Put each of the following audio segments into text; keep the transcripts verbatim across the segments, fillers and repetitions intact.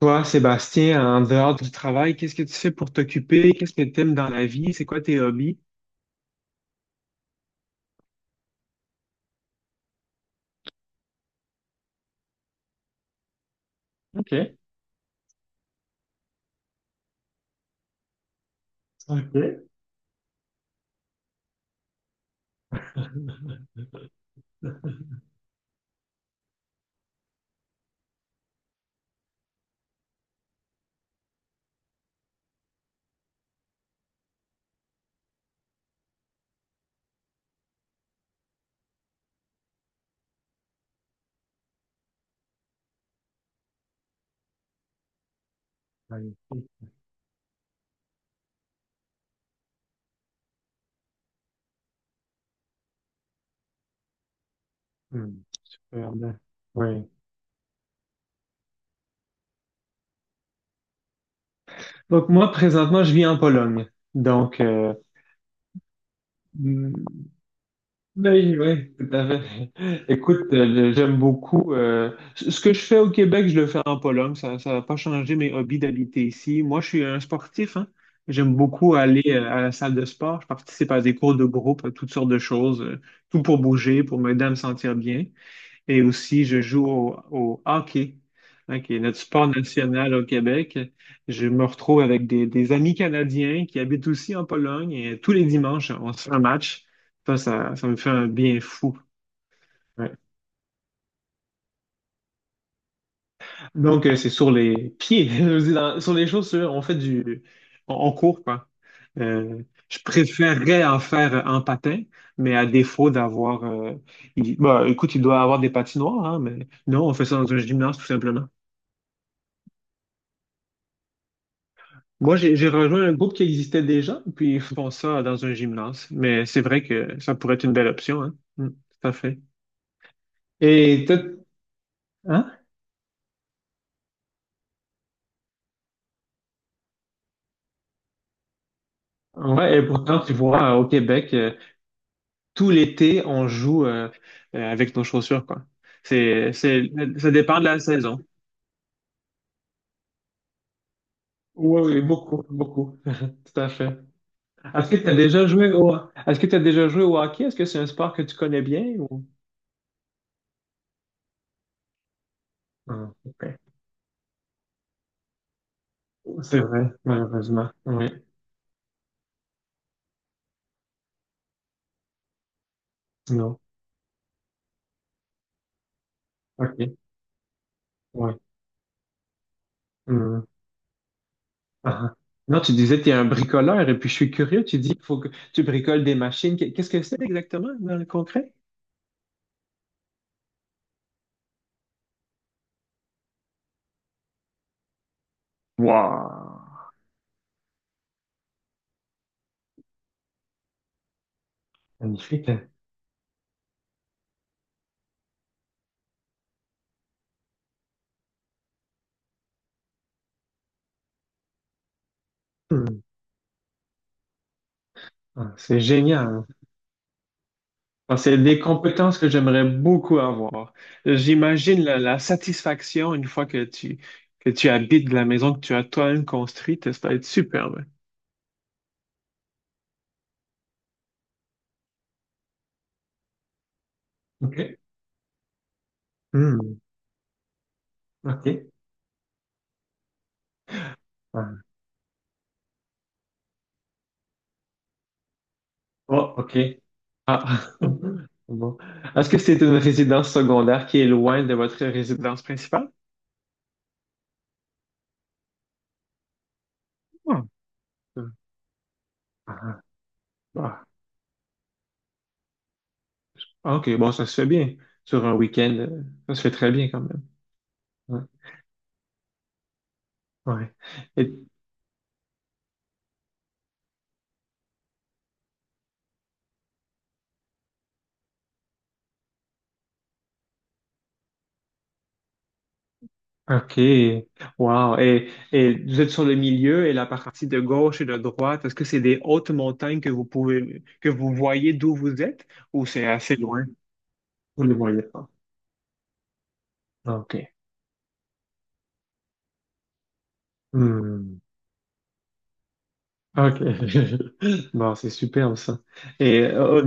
Toi, Sébastien, en dehors du travail, qu'est-ce que tu fais pour t'occuper? Qu'est-ce que tu aimes dans la vie? C'est quoi tes hobbies? Ok, ok. Ouais. Hmm. Super bien. Ouais. Donc moi, présentement, je vis en Pologne. Donc, euh, oui, oui, tout à fait. Écoute, euh, j'aime beaucoup. euh, ce ce que je fais au Québec, je le fais en Pologne. Ça, ça n'a pas changé mes hobbies d'habiter ici. Moi, je suis un sportif, hein. J'aime beaucoup aller euh, à la salle de sport. Je participe à des cours de groupe, à toutes sortes de choses, euh, tout pour bouger, pour m'aider à me sentir bien. Et aussi, je joue au, au hockey, hein, qui est notre sport national au Québec. Je me retrouve avec des, des amis canadiens qui habitent aussi en Pologne et tous les dimanches, on se fait un match. Ça, ça, ça me fait un bien fou. Ouais. Donc, euh, c'est sur les pieds, je dis dans- sur les chaussures, on fait du... On, on court, quoi. Euh, je préférerais en faire en patin, mais à défaut d'avoir... euh, il- bah, écoute, il doit avoir des patinoires, hein, mais non, on fait ça dans un gymnase, tout simplement. Moi, j'ai j'ai rejoint un groupe qui existait déjà, puis ils font ça dans un gymnase. Mais c'est vrai que ça pourrait être une belle option, hein. Mm, tout à fait. Et toi... hein? Ouais, et pourtant, tu vois, euh, au Québec, euh, tout l'été, on joue euh, euh, avec nos chaussures, quoi. C'est, c'est, ça dépend de la saison. Oui, oui, beaucoup, beaucoup. Tout à fait. Est-ce que tu as déjà joué au, est-ce que tu déjà joué au hockey? Est-ce que c'est un sport que tu connais bien ou... Ah, ok. C'est vrai, malheureusement. Oui, non. OK. Oui. Ah. Non, tu disais que tu es un bricoleur et puis je suis curieux. Tu dis qu'il faut que tu bricoles des machines. Qu'est- Qu'est-ce que c'est exactement dans le concret? Wow! Magnifique. Hein? Hmm. Ah, c'est génial. Ah, c'est des compétences que j'aimerais beaucoup avoir. J'imagine la, la satisfaction une fois que tu, que tu habites la maison que tu as toi-même construite. Ça va être superbe. OK. Hmm. OK. Ah. Oh, OK. Ah. Bon. Est-ce que c'est une résidence secondaire qui est loin de votre résidence principale? Ah, ah, ah, ah. Ah, OK, bon, ça se fait bien. Sur un week-end, euh, ça se fait très bien quand même. Ouais. ouais. Et... OK. Wow. Et, et vous êtes sur le milieu et la partie de gauche et de droite, est-ce que c'est des hautes montagnes que vous pouvez que vous voyez d'où vous êtes ou c'est assez loin? Vous ne les voyez pas. OK. Hmm. OK. Bon, c'est superbe ça. Et euh, au,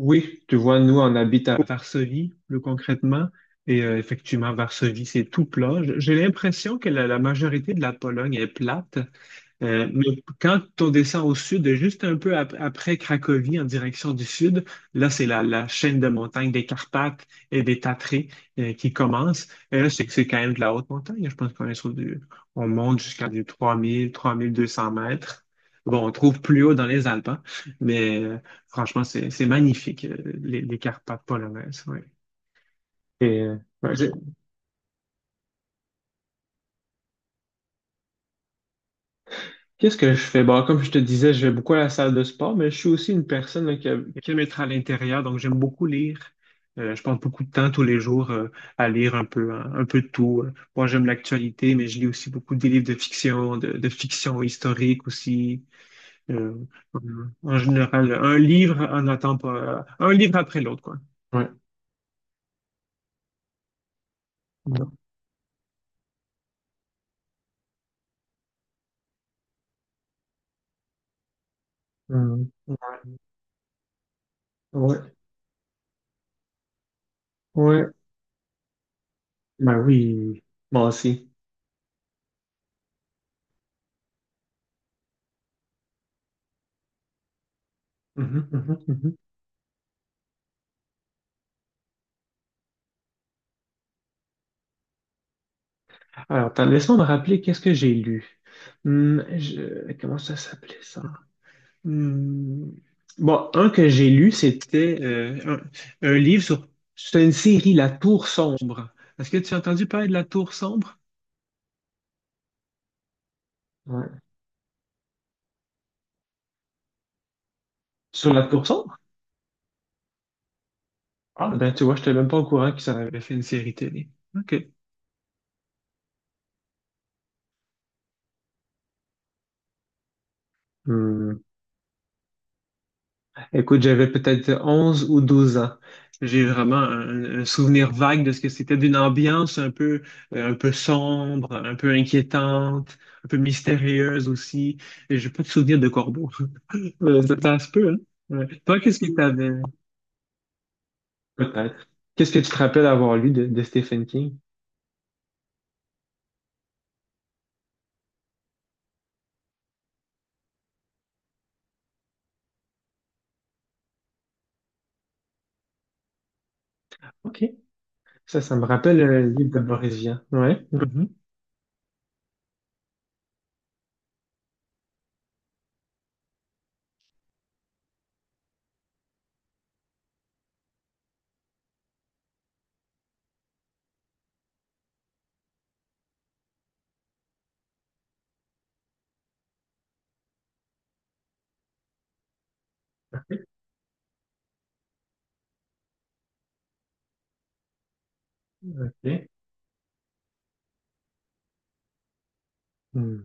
Oui, tu vois, nous, on habite à Varsovie, plus concrètement, et euh, effectivement, Varsovie, c'est tout plat. J- J'ai l'impression que la, la majorité de la Pologne est plate. Euh, mais quand on descend au sud, juste un peu ap- après Cracovie, en direction du sud, là, c'est la, la chaîne de montagnes des Carpates et des Tatrées euh, qui commence. Et là, c'est que c'est quand même de la haute montagne. Je pense qu'on est sur du, on monte jusqu'à du trois trois mille, trois mille deux cents mètres. Bon, on trouve plus haut dans les Alpes, hein, mais euh, franchement, c'est c'est magnifique, euh, les, les Carpates polonaises. Ouais. Et, euh, ouais, qu'est-ce que je fais? Bon, comme je te disais, je vais beaucoup à la salle de sport, mais je suis aussi une personne là, qui, a- qui aime être à l'intérieur, donc j'aime beaucoup lire. Euh, je passe beaucoup de temps tous les jours euh, à lire un peu, hein, un peu de tout. Euh. Moi, j'aime l'actualité, mais je lis aussi beaucoup des livres de fiction, de, de fiction historique aussi. euh, en général, un livre en attend pas, un livre après l'autre, quoi. Ouais. Ouais. Euh, ouais. Ouais. Ben oui, moi aussi. Mhm, mhm, mhm. Alors, attends, laisse-moi me rappeler qu'est-ce que j'ai lu. Hum, je- Comment ça s'appelait ça? Hum, Bon, un que j'ai lu, c'était euh, un, un livre sur... C'est une série, La Tour sombre. Est-ce que tu as entendu parler de La Tour sombre? Ouais. Sur La Tour sombre? Ah, ben tu vois, je n'étais même pas au courant qu'ils en avaient fait une série télé. OK. Écoute, j'avais peut-être onze ou douze ans. J'ai vraiment un, un souvenir vague de ce que c'était d'une ambiance un peu, euh, un peu sombre, un peu inquiétante, un peu mystérieuse aussi. Et j'ai pas de souvenir de corbeau. Euh, Ça, ça se peut, hein? Ouais. Toi, qu'est-ce que t'avais? Peut-être. Qu'est-ce que tu te rappelles avoir lu de, de Stephen King? OK. Ça, ça me rappelle euh, le livre de Boris Vian. Ouais. Mhm. OK. Hmm.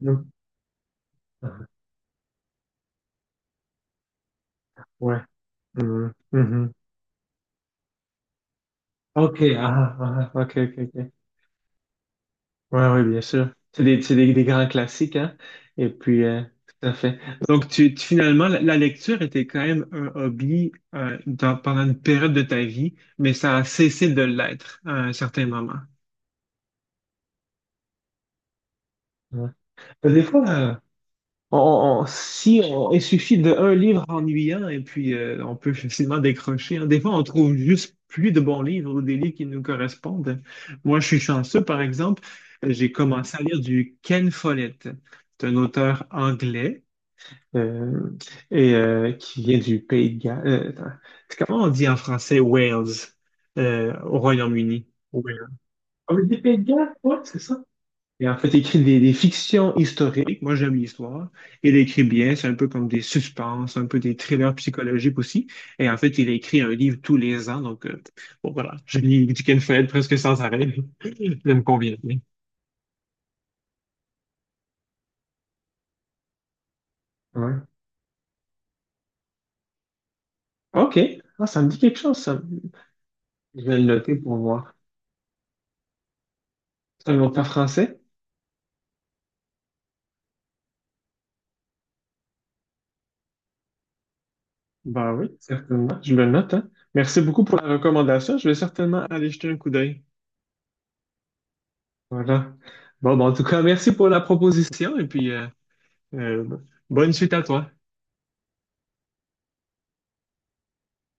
Hmm. Ah, Ouais. Hmm. Mhm. OK. Ah, ah, OK, OK, OK. Ouais, ouais, bien sûr. C'est des, c'est des, des grands classiques, hein? Et puis, euh, tout à fait. Donc, tu, tu- finalement, la, la lecture était quand même un hobby euh, dans- pendant une période de ta vie, mais ça a cessé de l'être à un certain moment. Ouais. Des fois, On- on- on- si on, il suffit d'un livre ennuyant et puis euh, on peut facilement décrocher. Hein. Des fois, on trouve juste plus de bons livres ou des livres qui nous correspondent. Moi, je suis chanceux, par exemple, euh, j'ai commencé à lire du Ken Follett. C'est un auteur anglais euh, et euh, qui vient du Pays de Galles. euh, attends, c'est comment on dit en français Wales euh, au Royaume-Uni? Wales. On dit Pays de Galles? Ouais, c'est ça. Et en fait, il écrit des, des fictions historiques. Moi, j'aime l'histoire. Il écrit bien. C'est un peu comme des suspens, un peu des thrillers psychologiques aussi. Et en fait, il écrit un livre tous les ans. Donc, euh, bon, voilà. Je lis du Ken Follett presque sans arrêt. Ça me convient bien. Ouais. OK. Ah, ça me dit quelque chose, ça. Je vais le noter pour voir. C'est un auteur français? Ben oui, certainement. Je le note, hein. Merci beaucoup pour la recommandation. Je vais certainement aller jeter un coup d'œil. Voilà. Bon, ben, en tout cas, merci pour la proposition et puis euh, euh, bonne suite à toi.